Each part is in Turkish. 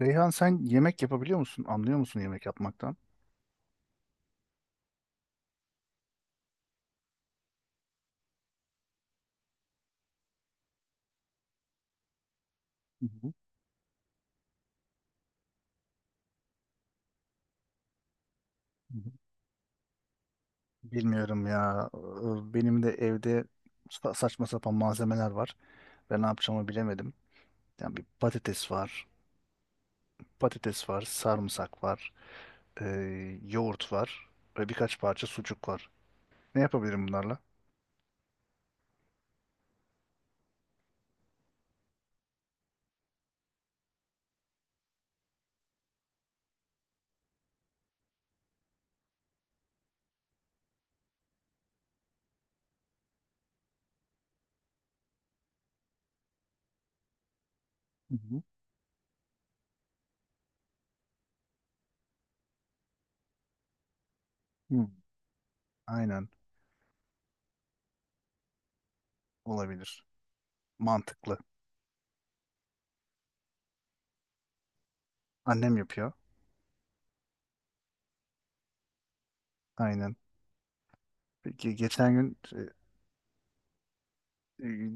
Reyhan, sen yemek yapabiliyor musun? Anlıyor musun yemek yapmaktan? Hı hı, hı hı. Bilmiyorum ya. Benim de evde saçma sapan malzemeler var. Ben ne yapacağımı bilemedim. Yani bir patates var, sarımsak var, yoğurt var ve birkaç parça sucuk var. Ne yapabilirim bunlarla? Hı hı. Hı. Aynen olabilir. Mantıklı. Annem yapıyor. Aynen. Peki geçen gün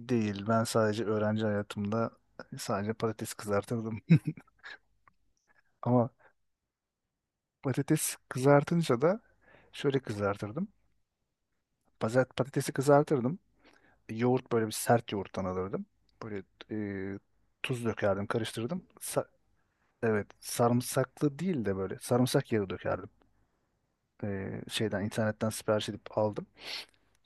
Değil. Ben sadece öğrenci hayatımda sadece patates kızartırdım. Ama patates kızartınca da şöyle kızartırdım. Pazart patatesi kızartırdım. Yoğurt böyle bir sert yoğurttan alırdım. Böyle e, tuz dökerdim, karıştırdım. Evet, sarımsaklı değil de böyle sarımsak yağı dökerdim. E, şeyden internetten sipariş edip aldım.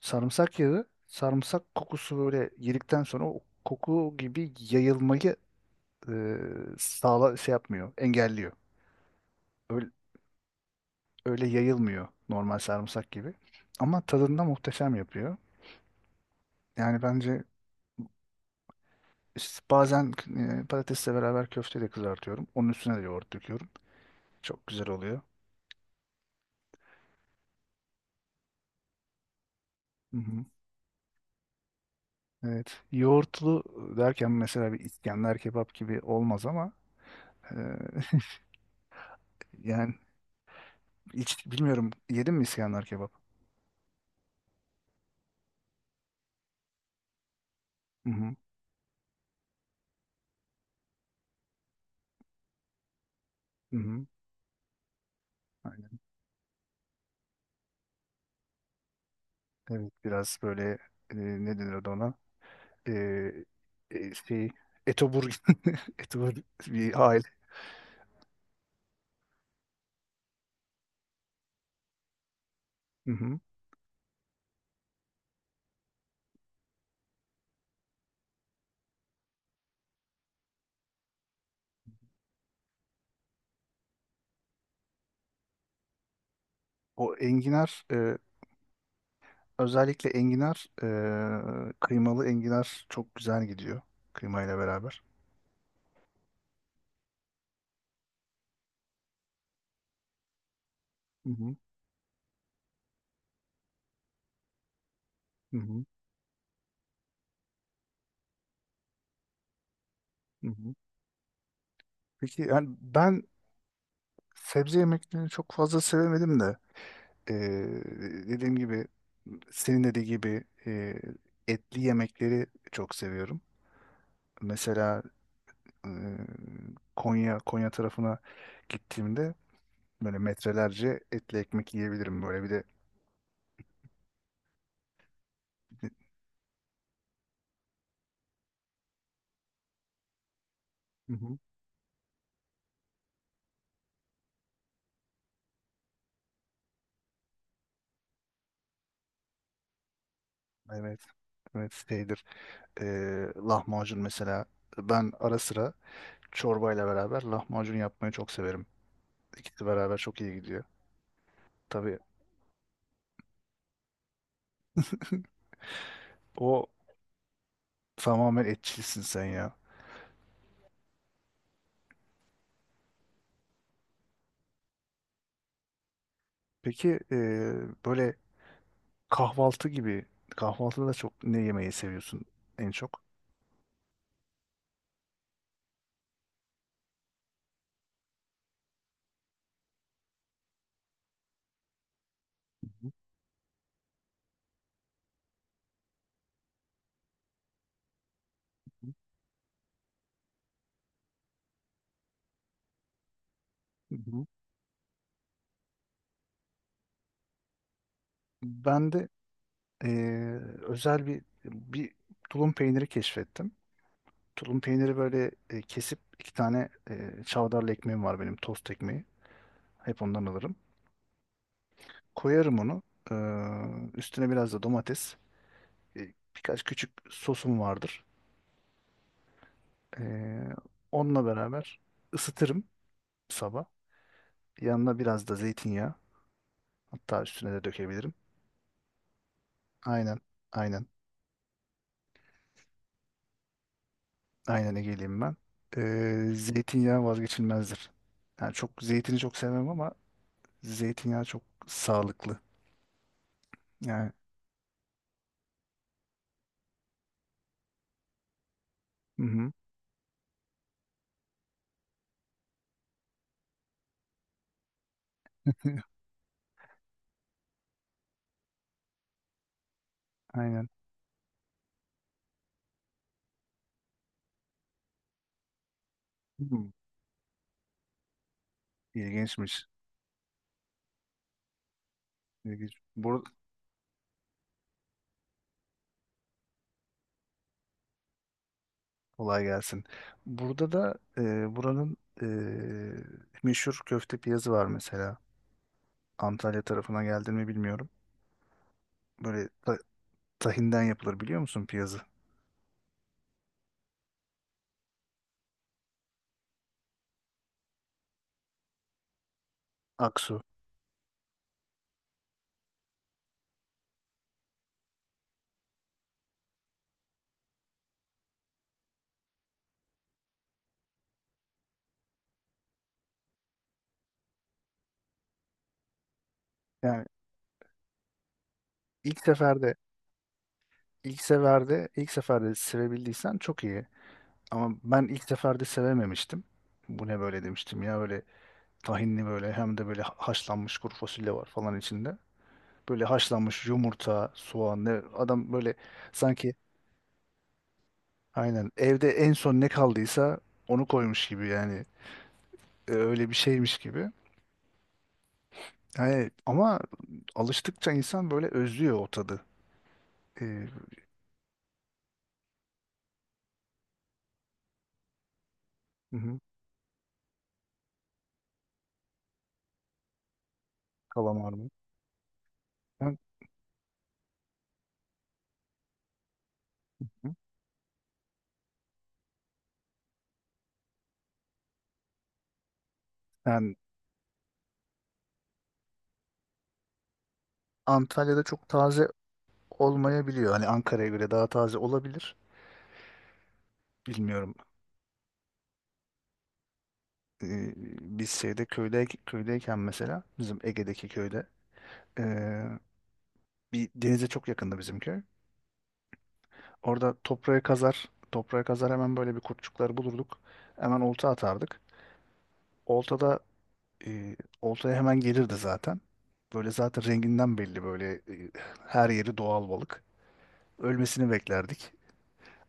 Sarımsak yağı, sarımsak kokusu böyle yedikten sonra o koku gibi yayılmayı e, sağla şey yapmıyor, engelliyor. Öyle, öyle yayılmıyor normal sarımsak gibi. Ama tadında muhteşem yapıyor. Yani bence işte bazen patatesle beraber köfte de kızartıyorum. Onun üstüne de yoğurt döküyorum. Çok güzel oluyor. Hı hı. Evet. Yoğurtlu derken mesela bir İskender kebap gibi olmaz ama e, yani hiç bilmiyorum, yedin mi İskender kebap? Hı hı. Hı hı. Aynen. Evet, biraz böyle ne denir ona? E, e, şey Etobur. Etobur bir hal. Hı hı. O enginar özellikle enginar kıymalı enginar çok güzel gidiyor kıymayla beraber. Hı hı, hı hı, hı hı. Peki, yani ben sebze yemeklerini çok fazla sevemedim de e, dediğim gibi, senin dediği gibi, etli yemekleri çok seviyorum. Mesela e, Konya tarafına gittiğimde böyle metrelerce etli ekmek yiyebilirim, böyle bir de. Hı hı. Evet. Evet, şeydir. Lahmacun mesela. Ben ara sıra çorbayla beraber lahmacun yapmayı çok severim. İkisi beraber çok iyi gidiyor. Tabii o, tamamen etçilsin sen ya. Peki, böyle kahvaltı gibi, kahvaltıda da çok ne yemeyi seviyorsun en çok? Hı hı. Ben de eee, özel bir tulum peyniri keşfettim. Tulum peyniri böyle kesip, iki tane çavdarlı ekmeğim var benim, tost ekmeği. Hep ondan alırım. Koyarım onu. Üstüne biraz da domates. E, birkaç küçük sosum vardır. Eee, Onunla beraber ısıtırım sabah. Yanına biraz da zeytinyağı. Hatta üstüne de dökebilirim. Aynen. Aynen. Aynen Ege'liyim ben. Zeytinyağı vazgeçilmezdir. Yani çok, zeytini çok sevmem ama zeytinyağı çok sağlıklı. Yani hı hı, aynen. Hmm, İlginçmiş. İlginç. Kolay gelsin. Burada da buranın e, meşhur köfte piyazı var mesela. Antalya tarafına geldi mi bilmiyorum. Böyle ta- Tahinden yapılır, biliyor musun piyazı? Aksu. Yani ilk seferde, ilk seferde sevebildiysen çok iyi. Ama ben ilk seferde sevememiştim. Bu ne böyle demiştim ya, böyle tahinli, böyle hem de böyle haşlanmış kuru fasulye var falan içinde. Böyle haşlanmış yumurta, soğan, ne adam böyle, sanki aynen evde en son ne kaldıysa onu koymuş gibi yani. Öyle bir şeymiş gibi. Yani ama alıştıkça insan böyle özlüyor o tadı. Ee, hı hı, kalamar mı? Ben- hı. Yani Antalya'da çok taze olmayabiliyor. Hani Ankara'ya göre daha taze olabilir. Bilmiyorum. Ee, biz şeyde köyde köydeyken mesela bizim Ege'deki köyde ee, bir denize çok yakında bizim köy. Orada toprağı kazar, toprağı kazar, hemen böyle bir kurtçukları bulurduk. Hemen olta atardık. Oltada e, oltaya hemen gelirdi zaten. Böyle zaten renginden belli böyle, her yeri doğal balık. Ölmesini beklerdik.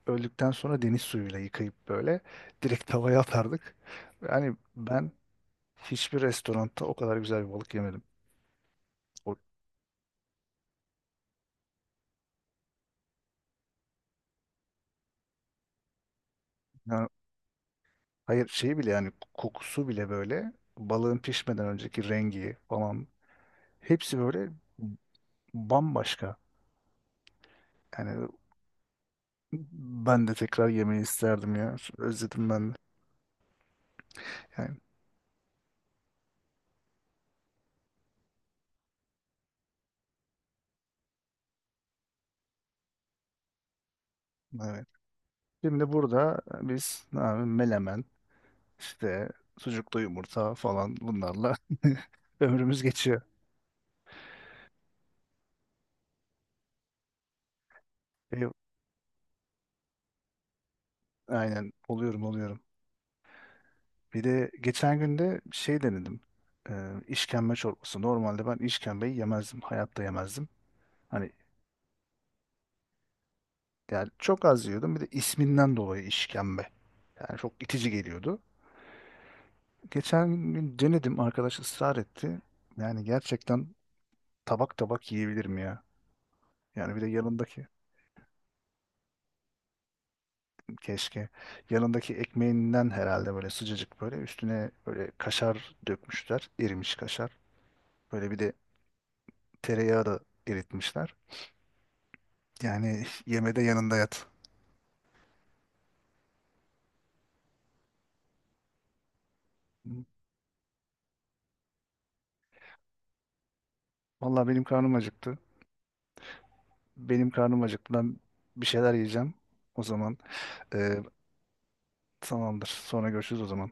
Öldükten sonra deniz suyuyla yıkayıp böyle direkt tavaya atardık. Yani ben hiçbir restoranda o kadar güzel bir balık yemedim. O, yani hayır, şeyi bile yani kokusu bile böyle, balığın pişmeden önceki rengi falan, hepsi böyle bambaşka. Yani ben de tekrar yemeyi isterdim ya. Özledim ben de. Yani evet. Şimdi burada biz ne abi, melemen işte, sucuklu yumurta falan, bunlarla ömrümüz geçiyor. E, aynen, oluyorum oluyorum. Bir de geçen gün de şey denedim. E, işkembe çorbası. Normalde ben işkembeyi yemezdim. Hayatta yemezdim. Hani yani çok az yiyordum. Bir de isminden dolayı işkembe. Yani çok itici geliyordu. Geçen gün denedim. Arkadaş ısrar etti. Yani gerçekten tabak tabak yiyebilirim ya. Yani bir de yanındaki, keşke, yanındaki ekmeğinden herhalde, böyle sıcacık, böyle üstüne böyle kaşar dökmüşler. Erimiş kaşar. Böyle bir de tereyağı da eritmişler. Yani yemede yanında yat. Vallahi benim karnım acıktı. Benim karnım acıktı. Ben bir şeyler yiyeceğim. O zaman e, tamamdır. Sonra görüşürüz o zaman.